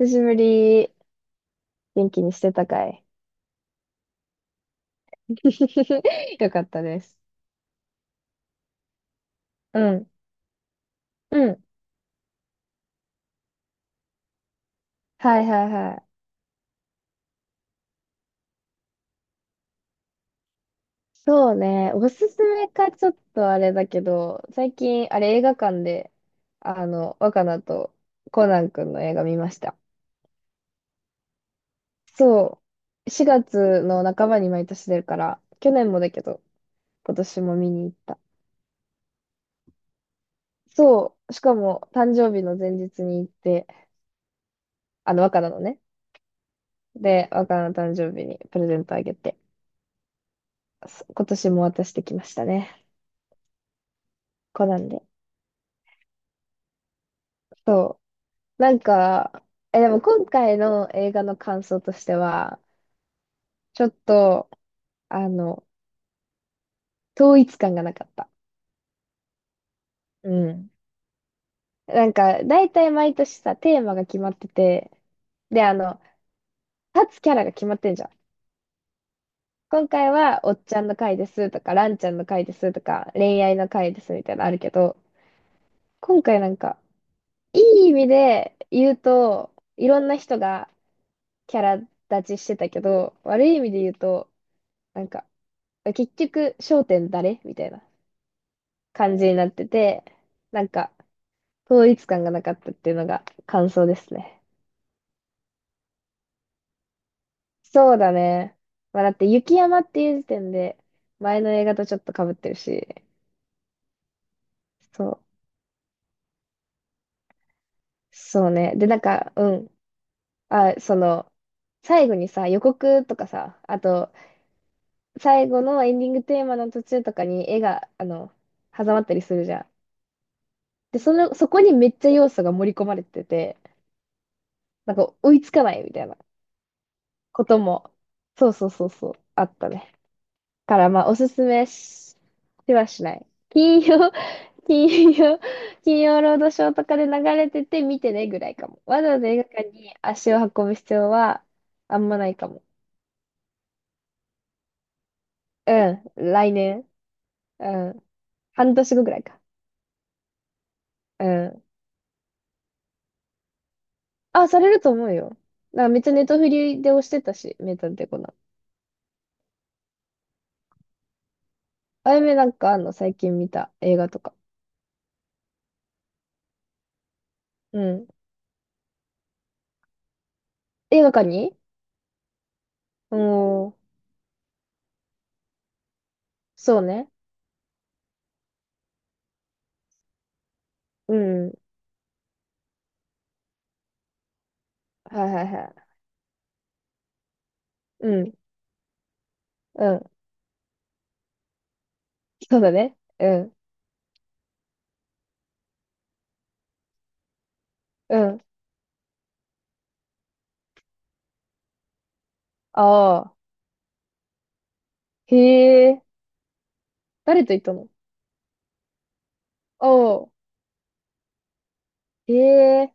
久しぶり。元気にしてたかい？ よかったです。うん。うん。はいはいはい。そうね。おすすめかちょっとあれだけど、最近、あれ映画館で、若菜とコナン君の映画見ました。そう。4月の半ばに毎年出るから、去年もだけど、今年も見に行った。そう。しかも、誕生日の前日に行って、若菜のね。で、若菜の誕生日にプレゼントあげて、今年も渡してきましたね。コナンで。そう。なんか、でも今回の映画の感想としては、ちょっと、あの、統一感がなかった。うん。なんか、大体毎年さ、テーマが決まってて、で、立つキャラが決まってんじゃん。今回は、おっちゃんの回ですとか、ランちゃんの回ですとか、恋愛の回ですみたいなのあるけど、今回なんか、いい意味で言うと、いろんな人がキャラ立ちしてたけど、悪い意味で言うと、なんか、結局、焦点誰みたいな感じになってて、なんか、統一感がなかったっていうのが感想ですね。そうだね。まあ、だって、雪山っていう時点で、前の映画とちょっと被ってるし、そう、そうね。で、なんか、うん。あ、その、最後にさ、予告とかさ、あと、最後のエンディングテーマの途中とかに絵が、挟まったりするじゃん。で、その、そこにめっちゃ要素が盛り込まれてて、なんか追いつかないみたいなことも、そうそうそうそう、あったね。からまあ、おすすめし、しはしない。金曜、金曜、金曜ロードショーとかで流れてて見てねぐらいかも。わざわざ映画館に足を運ぶ必要はあんまないかも。うん、来年。うん、半年後ぐらいか。うん。あ、されると思うよ。なんかめっちゃネトフリで押してたし、メタデコナ。あやめ、なんかあんの？最近見た映画とか。うん。映画館に。うん。そうね。うん。はいはいはい。うん。うん。そうだね。うん。うん。ああ。へえ。誰と行ったの？ああ。へえ。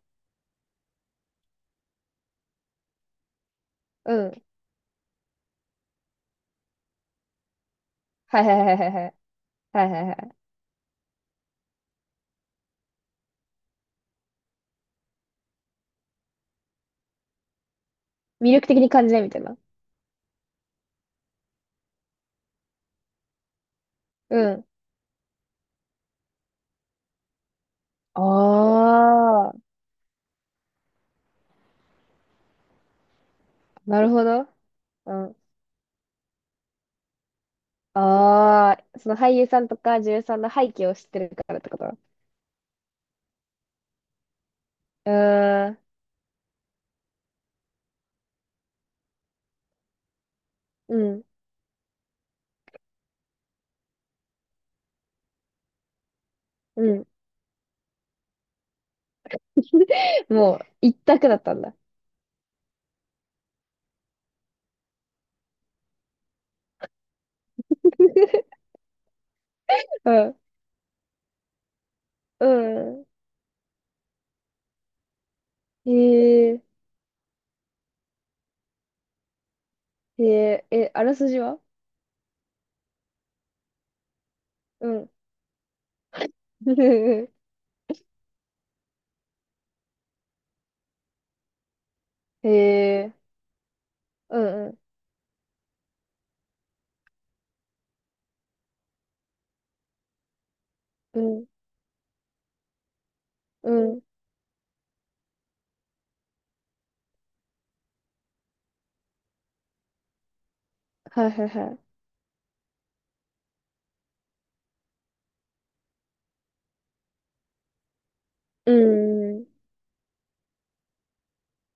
うん。はいはいはいはいはい。はいはいはい。魅力的に感じないみたいな。うん。ああ。なるほど。うん。ああ。その俳優さんとか女優さんの背景を知ってるからってこと？うーん。うん。うん。もう、一択だったんだ。うん。うん。へえ、へえ、え、あらすじは？うん。へえ、うんうん。うん、うん。はいはいはい。うん。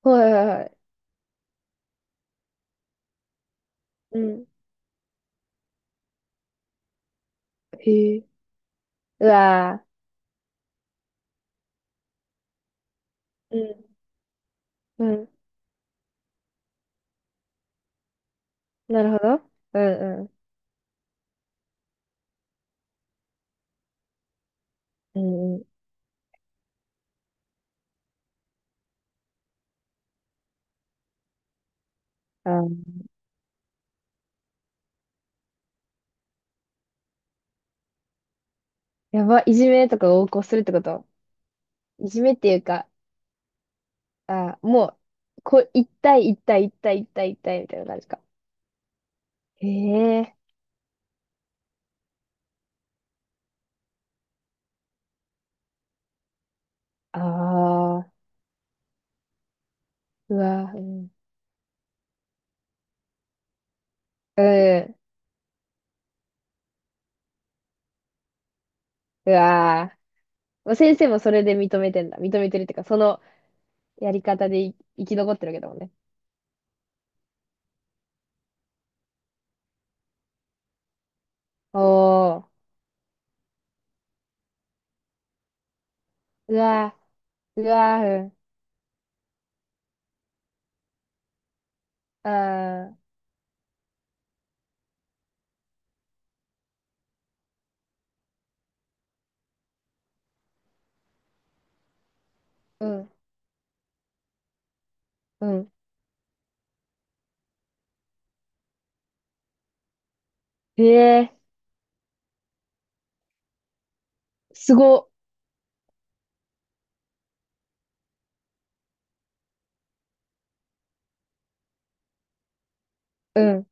はいはいはい。うん。へえ。うわー、うん。うん。なるほど。うんうん。うんうん。あー、やば、いじめとかを横行するってこと？いじめっていうか、あー、もう、こう、一対一対一対一対一対みたいな感じか。へえ。ああ、うわー、うん。うん。うわー、先生もそれで認めてんだ。認めてるっていうか、そのやり方でい生き残ってるわけだもんね。おー、うわー、うわー、うん、あー、うん、うん。ええー、すご、うん、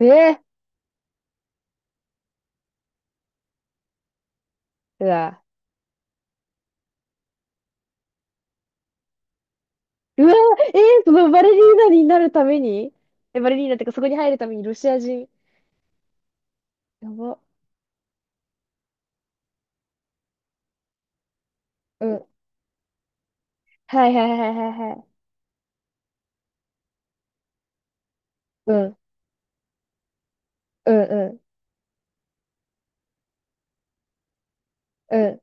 ええー、うわー、うわー、ええー、そのバレリーナになるために、え、バレリーナってか、そこに入るためにロシア人、やば、うん、はいはいはいはいはい、うん、うん、うん、うん、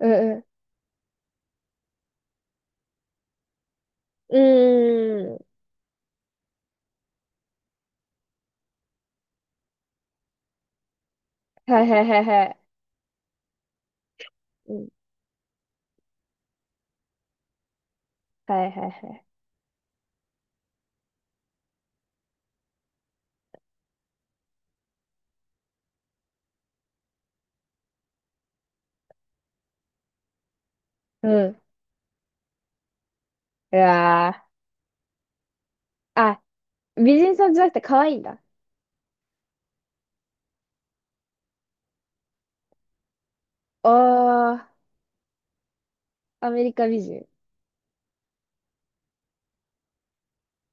うん、うん、うーん、はいはいはいはい、うん、はいはいはい、うん、うわー、あ、美人さんじゃなくて可愛いんだ。ああ、アメリカ美人。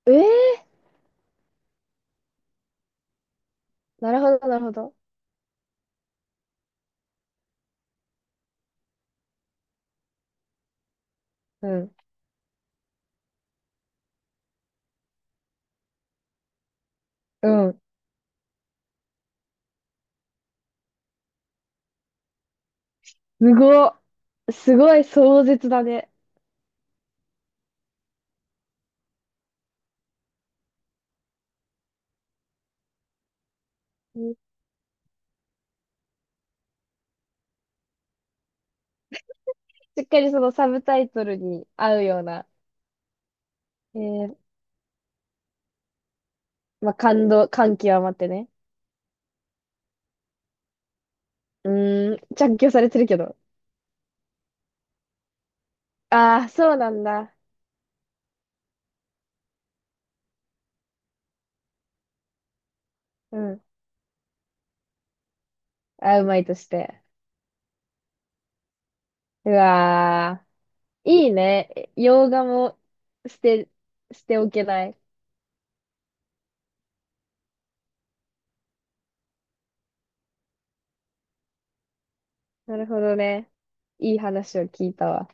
ええー、なるほど、なるほど。うん。うん。すごっ。すごい壮絶だね。うん。しっかりそのサブタイトルに合うような。えー、まあ、感動、感極まってね。うーん、着去されてるけど。ああ、そうなんだ。うん。あうまいとして。うわー。いいね。え、洋画も捨て、捨ておけない。なるほどね。いい話を聞いたわ。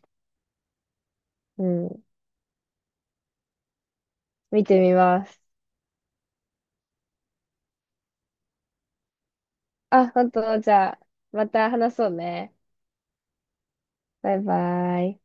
うん。見てみます。あ、本当、じゃあ、また話そうね。バイバイ。